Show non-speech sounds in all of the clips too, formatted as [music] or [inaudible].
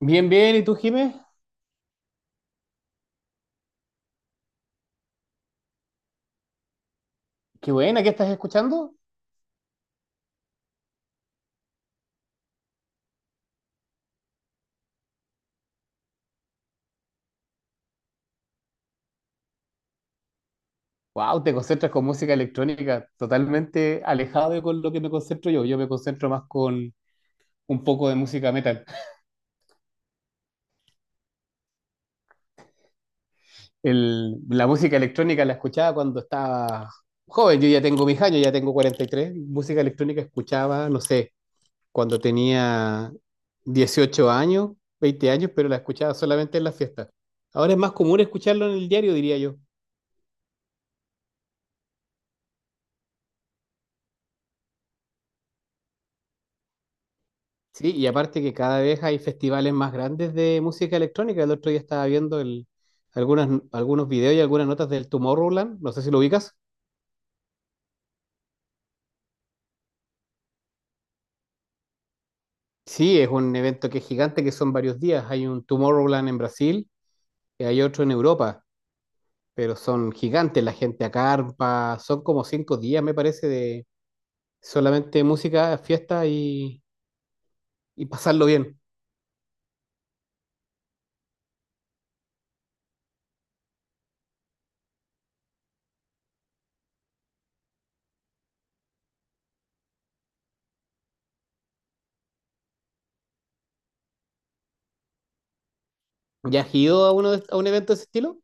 Bien, bien. ¿Y tú, Jimé? Qué buena, ¿qué estás escuchando? Wow, te concentras con música electrónica, totalmente alejado de con lo que me concentro yo. Yo me concentro más con un poco de música metal. La música electrónica la escuchaba cuando estaba joven. Yo ya tengo mis años, ya tengo 43. Música electrónica escuchaba, no sé, cuando tenía 18 años, 20 años, pero la escuchaba solamente en las fiestas. Ahora es más común escucharlo en el diario, diría yo. Sí, y aparte que cada vez hay festivales más grandes de música electrónica. El otro día estaba viendo algunas, algunos videos y algunas notas del Tomorrowland. No sé si lo ubicas. Sí, es un evento que es gigante, que son varios días. Hay un Tomorrowland en Brasil y hay otro en Europa, pero son gigantes. La gente acampa, son como 5 días, me parece, de solamente música, fiesta y pasarlo bien. ¿Ya has ido a, uno a un evento de ese estilo?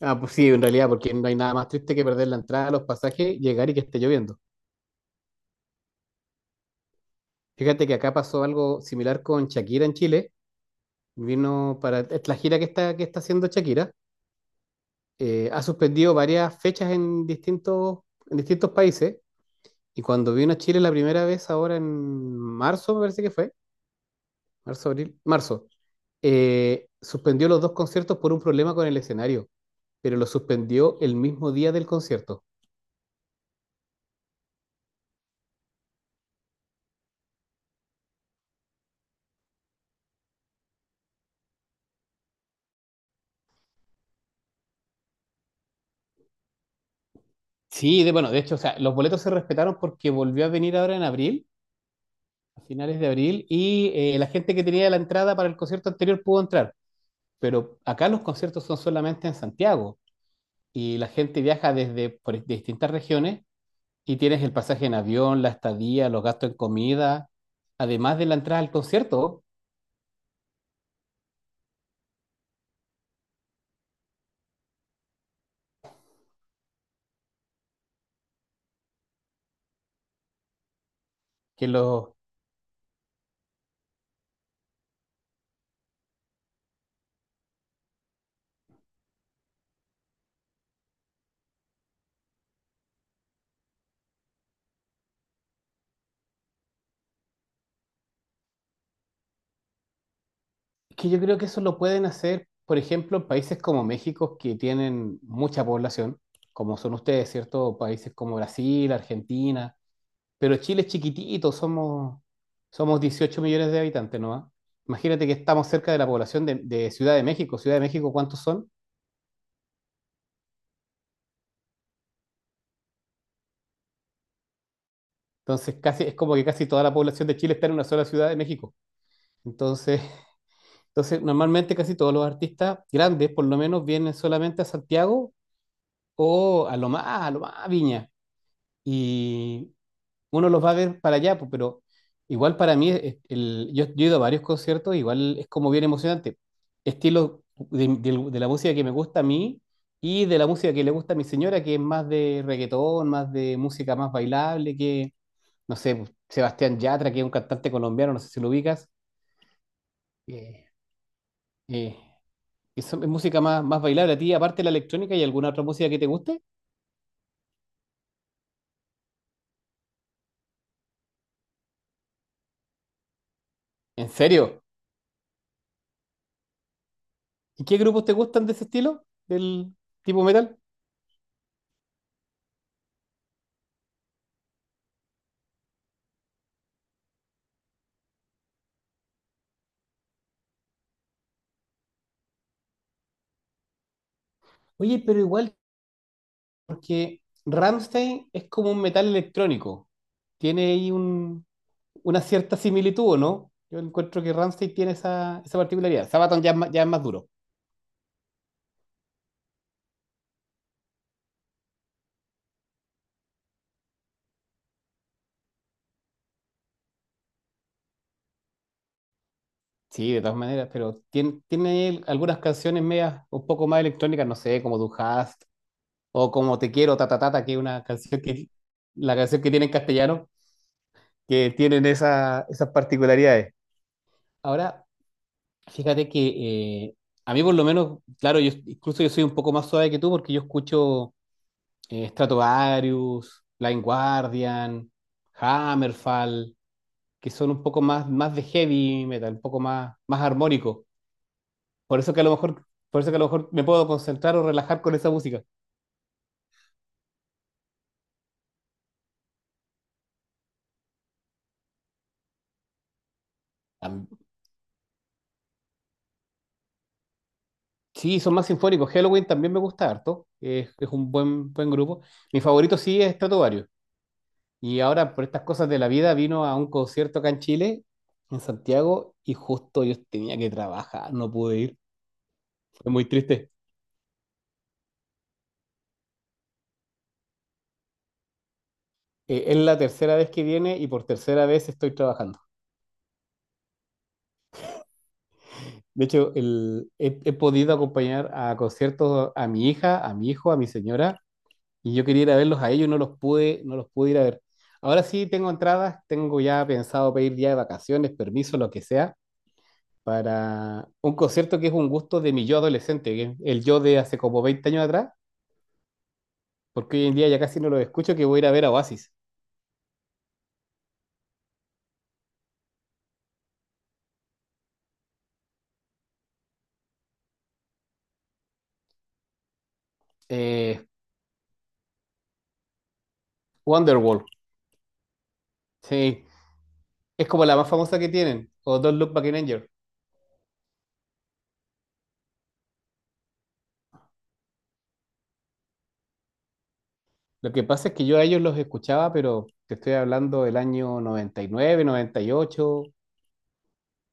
Ah, pues sí, en realidad, porque no hay nada más triste que perder la entrada, los pasajes, llegar y que esté lloviendo. Fíjate que acá pasó algo similar con Shakira en Chile. Vino para es la gira que está haciendo Shakira. Ha suspendido varias fechas en en distintos países. Y cuando vino a Chile la primera vez, ahora en marzo, me parece que fue, marzo, abril, marzo, suspendió los dos conciertos por un problema con el escenario, pero lo suspendió el mismo día del concierto. Sí, de, bueno, de hecho, o sea, los boletos se respetaron porque volvió a venir ahora en abril, a finales de abril, y la gente que tenía la entrada para el concierto anterior pudo entrar. Pero acá los conciertos son solamente en Santiago y la gente viaja desde por distintas regiones y tienes el pasaje en avión, la estadía, los gastos en comida, además de la entrada al concierto, que, los, que yo creo que eso lo pueden hacer, por ejemplo, en países como México, que tienen mucha población, como son ustedes, ¿cierto? Países como Brasil, Argentina, pero Chile es chiquitito, somos 18 millones de habitantes, ¿no? Imagínate que estamos cerca de la población de Ciudad de México. Ciudad de México, ¿cuántos son? Entonces, casi, es como que casi toda la población de Chile está en una sola ciudad de México. Entonces, [laughs] entonces, normalmente casi todos los artistas grandes, por lo menos, vienen solamente a Santiago o a lo más, a lo más a Viña. Y uno los va a ver para allá, pues, pero igual para mí, yo he ido a varios conciertos, igual es como bien emocionante. Estilo de la música que me gusta a mí y de la música que le gusta a mi señora, que es más de reggaetón, más de música más bailable, no sé, pues, Sebastián Yatra, que es un cantante colombiano, no sé si lo ubicas. Eh, eh, Eso es música más, más bailable a ti, aparte de la electrónica y alguna otra música que te guste. ¿En serio? ¿Y qué grupos te gustan de ese estilo? ¿Del tipo metal? Oye, pero igual, porque Rammstein es como un metal electrónico. Tiene ahí una cierta similitud, ¿o ¿no? Yo encuentro que Rammstein tiene esa particularidad. Sabaton ya, ya es más duro. Sí, de todas maneras, pero tiene él algunas canciones medias un poco más electrónicas, no sé, como Du Hast o como Te Quiero, ta ta ta, ta, que es una canción que, la canción que tiene en castellano, que tienen esas particularidades. Ahora, fíjate que a mí por lo menos, claro, incluso yo soy un poco más suave que tú porque yo escucho Stratovarius, Blind Guardian, Hammerfall, que son un poco más, más de heavy metal, un poco más, más armónico. Por eso que a lo mejor, por eso que a lo mejor me puedo concentrar o relajar con esa música. Am- Sí, son más sinfónicos. Halloween también me gusta harto. Es un buen, buen grupo. Mi favorito sí es Stratovarius. Y ahora, por estas cosas de la vida, vino a un concierto acá en Chile, en Santiago, y justo yo tenía que trabajar, no pude ir. Fue muy triste. Es la tercera vez que viene y por tercera vez estoy trabajando. De hecho, he podido acompañar a conciertos a mi hija, a mi hijo, a mi señora y yo quería ir a verlos a ellos y no los pude ir a ver. Ahora sí tengo entradas, tengo ya pensado pedir ya de vacaciones, permiso, lo que sea, para un concierto que es un gusto de mi yo adolescente, que es el yo de hace como 20 años atrás, porque hoy en día ya casi no lo escucho, que voy a ir a ver a Oasis. Eh, Wonderwall, sí, es como la más famosa que tienen, o Don't Look Back in Anger. Lo que pasa es que yo a ellos los escuchaba, pero te estoy hablando del año 99, 98,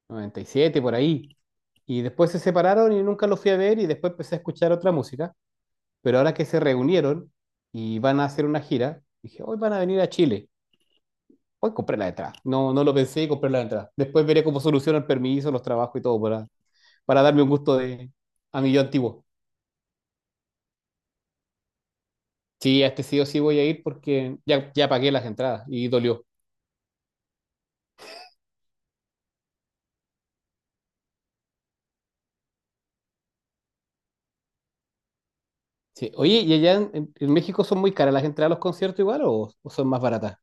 97, por ahí. Y después se separaron y nunca los fui a ver y después empecé a escuchar otra música. Pero ahora que se reunieron y van a hacer una gira, dije, hoy van a venir a Chile. Hoy compré la entrada. No, no lo pensé y compré la entrada. Después veré cómo soluciono el permiso, los trabajos y todo para darme un gusto de, a mi yo antiguo. Sí, a este sí o sí voy a ir porque ya, ya pagué las entradas y dolió. Sí. Oye, ¿y allá en México son muy caras las entradas a los conciertos igual o son más baratas?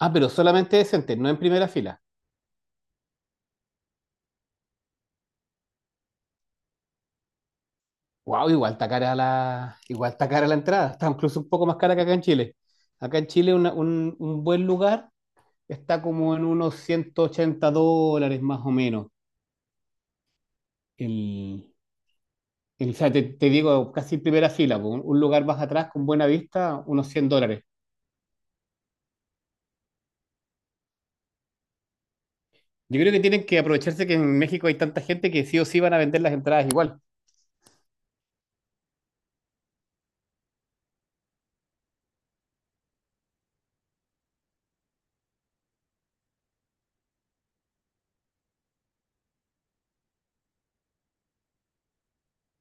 Ah, pero solamente decentes, no en primera fila. Wow, igual está cara la, igual está cara la entrada, está incluso un poco más cara que acá en Chile. Acá en Chile un buen lugar está como en unos 180 dólares más o menos. El, o sea, te digo, casi primera fila, po, un lugar más atrás con buena vista, unos 100 dólares. Yo creo que tienen que aprovecharse que en México hay tanta gente que sí o sí van a vender las entradas igual.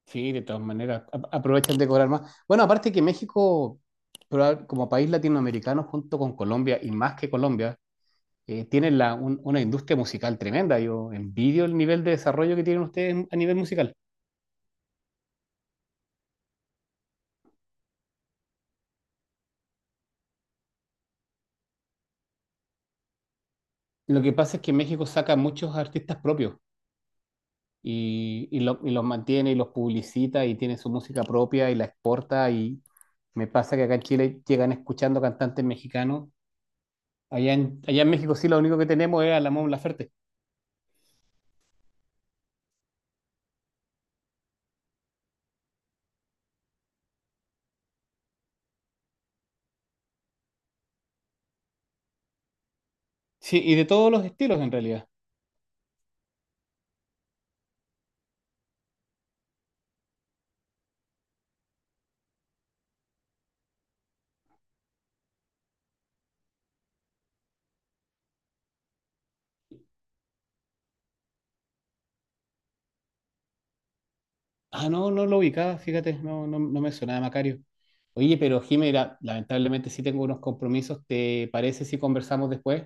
Sí, de todas maneras, aprovechan de cobrar más. Bueno, aparte que México, como país latinoamericano junto con Colombia y más que Colombia, tienen una industria musical tremenda. Yo envidio el nivel de desarrollo que tienen ustedes en- a nivel musical. Lo que pasa es que México saca muchos artistas propios y y los mantiene y los publicita y tiene su música propia y la exporta. Y me pasa que acá en Chile llegan escuchando cantantes mexicanos. Allá allá en México sí lo único que tenemos es a la Mon Laferte. Sí, y de todos los estilos en realidad. Ah, no, no lo ubicaba, fíjate, no, no, no me sonaba Macario. Oye, pero Jimena, lamentablemente sí tengo unos compromisos. ¿Te parece si conversamos después?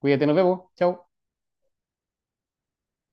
Cuídate, nos vemos. Chao.